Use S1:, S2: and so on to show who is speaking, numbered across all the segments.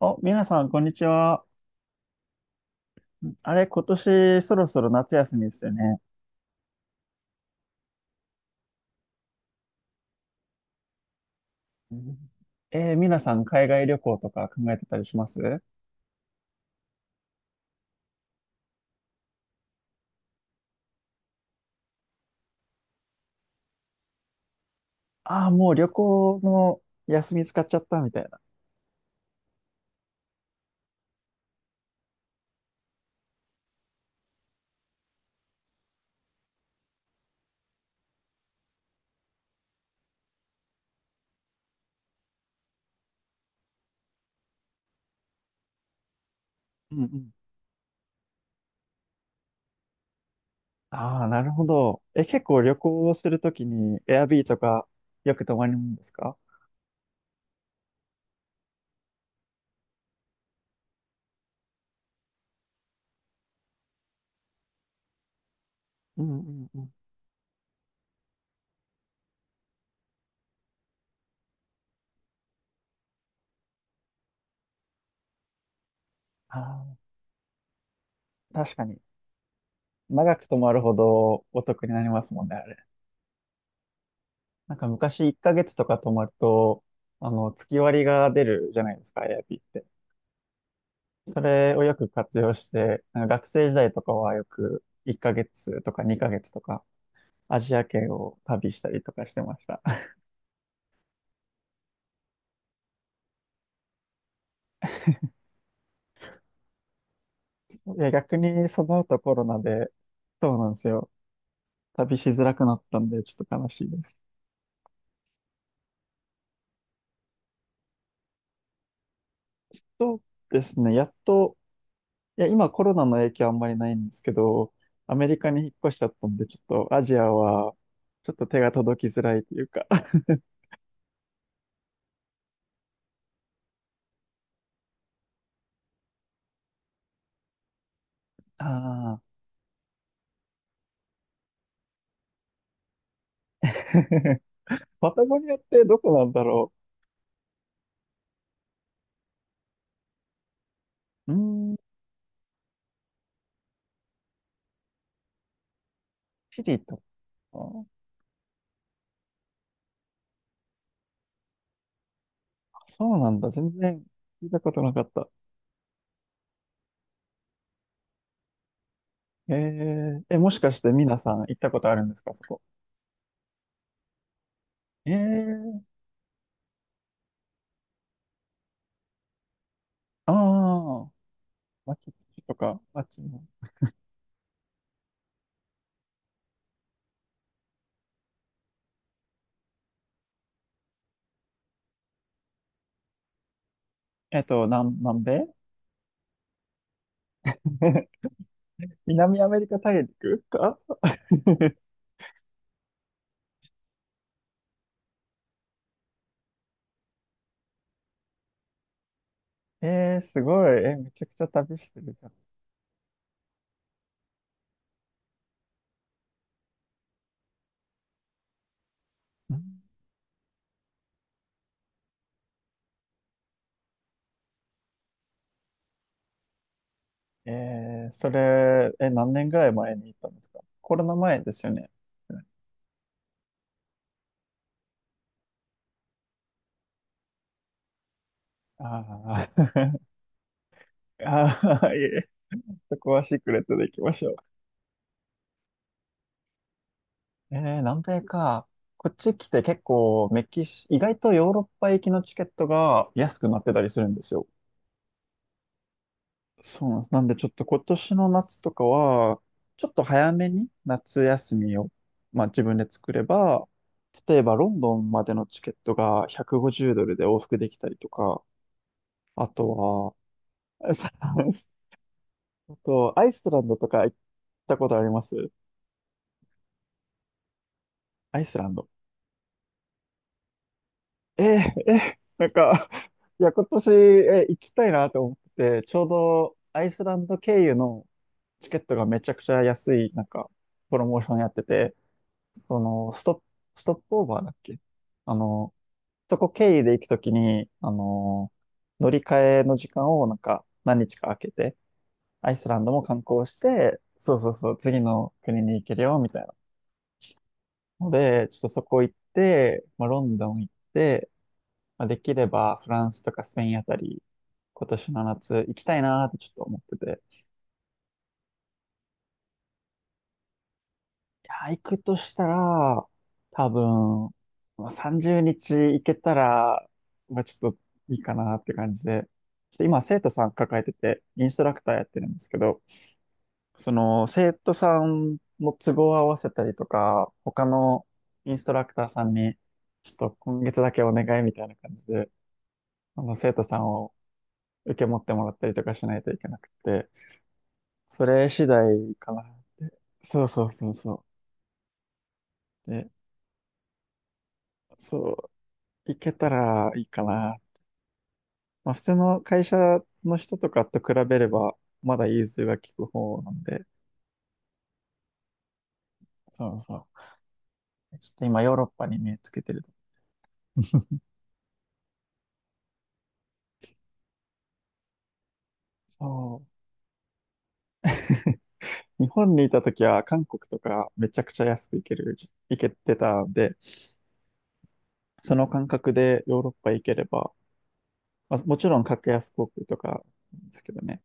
S1: お、皆さん、こんにちは。あれ、今年そろそろ夏休みですよね。うん。皆さん、海外旅行とか考えてたりします？ああー、もう旅行の休み使っちゃったみたいな。うんうん。ああ、なるほど。え、結構旅行をするときに、エアビーとかよく泊まるんですか？うんうんうん。ああ確かに。長く泊まるほどお得になりますもんね、あれ。なんか昔1ヶ月とか泊まると、月割りが出るじゃないですか、エアビーって。それをよく活用して、学生時代とかはよく1ヶ月とか2ヶ月とかアジア圏を旅したりとかしてました。いや、逆にその後コロナで、そうなんですよ。旅しづらくなったんで、ちょっと悲しいです。そうですね、やっと、いや、今コロナの影響あんまりないんですけど、アメリカに引っ越しちゃったんで、ちょっとアジアは、ちょっと手が届きづらいというか。ああ。パタゴニアってどこなんだろう。うーん、チリと。あーそうなんだ。全然聞いたことなかった。ええ、もしかして皆さん行ったことあるんですか、そこ？えー、ああ、マチュピチュとか、マチュも。南米。 南アメリカ大陸か。 すごい。え、めちゃくちゃ旅してるじゃん。うん。それ、え、何年ぐらい前に行ったんですか？コロナ前ですよね。ああ、ああ、いえ、そこはシークレットで行きましょう。南米か。こっち来て結構メキシ、意外とヨーロッパ行きのチケットが安くなってたりするんですよ。そうなんです。なんでちょっと今年の夏とかは、ちょっと早めに夏休みを、まあ自分で作れば、例えばロンドンまでのチケットが150ドルで往復できたりとか、あとは、あとアイスランドとか行ったことあります？アイスランド。え、え、なんか、いや、今年、え、行きたいなと思ってて、ちょうどアイスランド経由のチケットがめちゃくちゃ安い、なんか、プロモーションやってて、その、ストップオーバーだっけ？あの、そこ経由で行くときに、乗り換えの時間をなんか、何日か空けて、アイスランドも観光して、そうそうそう、次の国に行けるよ、みたいな。ので、ちょっとそこ行って、まあ、ロンドン行って、まあ、できればフランスとかスペインあたり、今年の夏行きたいなーってちょっと思ってて。いやー、行くとしたら、多分、まあ、30日行けたら、まあ、ちょっといいかなって感じで。ちょっと今、生徒さん抱えてて、インストラクターやってるんですけど、その生徒さんの都合を合わせたりとか、他のインストラクターさんに、ちょっと今月だけお願いみたいな感じで、あの生徒さんを受け持ってもらったりとかしないといけなくて、それ次第かな。そうそうそうそう。で、そう、いけたらいいかな。まあ普通の会社の人とかと比べれば、まだ融通が利く方なんで、そうそう。ちょっと今ヨーロッパに目つけてる。そう。日本にいた時は韓国とかめちゃくちゃ安く行けてたんで、その感覚でヨーロッパ行ければ、まあ、もちろん格安航空とかですけどね。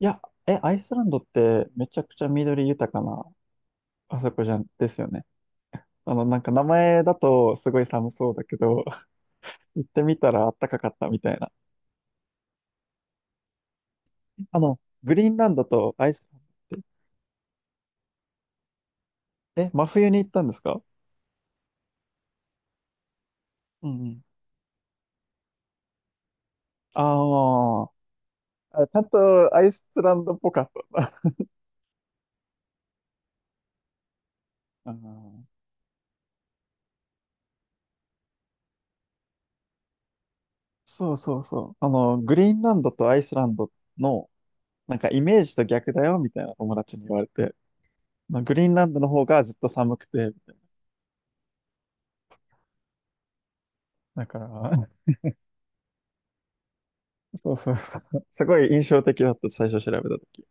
S1: いや、え、アイスランドってめちゃくちゃ緑豊かなあそこじゃん、ですよね。なんか名前だとすごい寒そうだけど、行ってみたらあったかかったみたいな。あの、グリーンランドとアイスランドって、え、真冬に行ったんですか？うんうん。あーあ、ちゃんとアイスランドっぽかったな。あーそうそうそう。グリーンランドとアイスランドの、なんかイメージと逆だよみたいな友達に言われて、まあ、グリーンランドの方がずっと寒くて、だから、そうそうそう、すごい印象的だった、最初調べた時。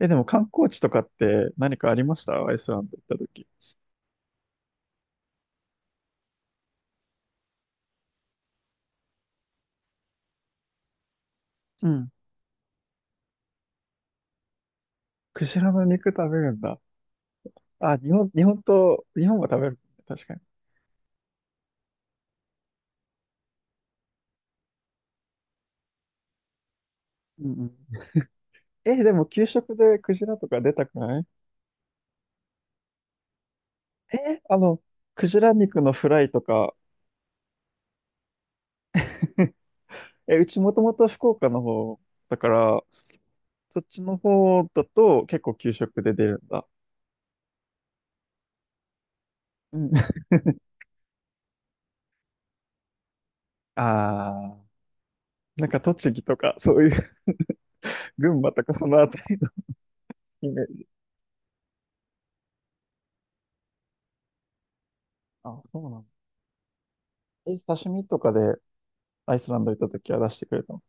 S1: え、でも観光地とかって何かありました？アイスランド行った時。うん。クジラの肉食べるんだ。あ、日本は食べるね。確かに。うんうん。え、でも給食でクジラとか出たくない？え、クジラ肉のフライとか、え、うちもともと福岡の方だから、そっちの方だと結構給食で出るんだ。うん。ああ、なんかアイスランド行った時は出してくれたの？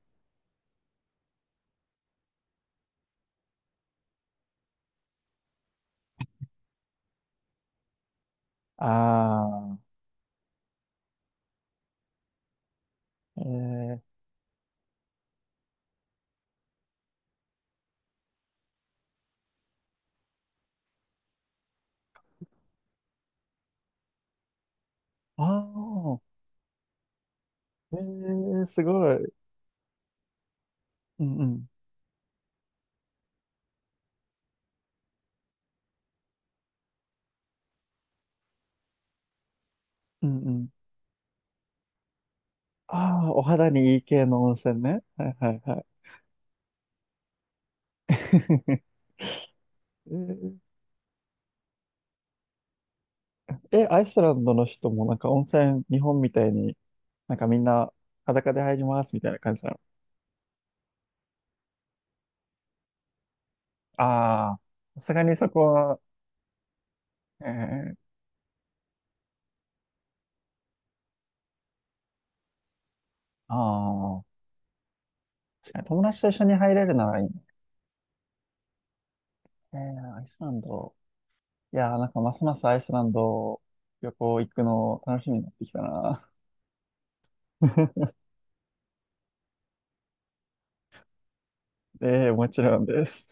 S1: ああ、ええ。ああ、ええすごい。うんうん、うんうん。ああ、お肌にいい系の温泉ね。はいはいはい。えーえ、アイスランドの人もなんか温泉、日本みたいになんかみんな裸で入りますみたいな感じなの？ああ、さすがにそこは、えー、ああ、確かに友達と一緒に入れるならいいね。アイスランド。いやー、なんかますますアイスランド旅行行くの楽しみになってきたな。で、もちろんです。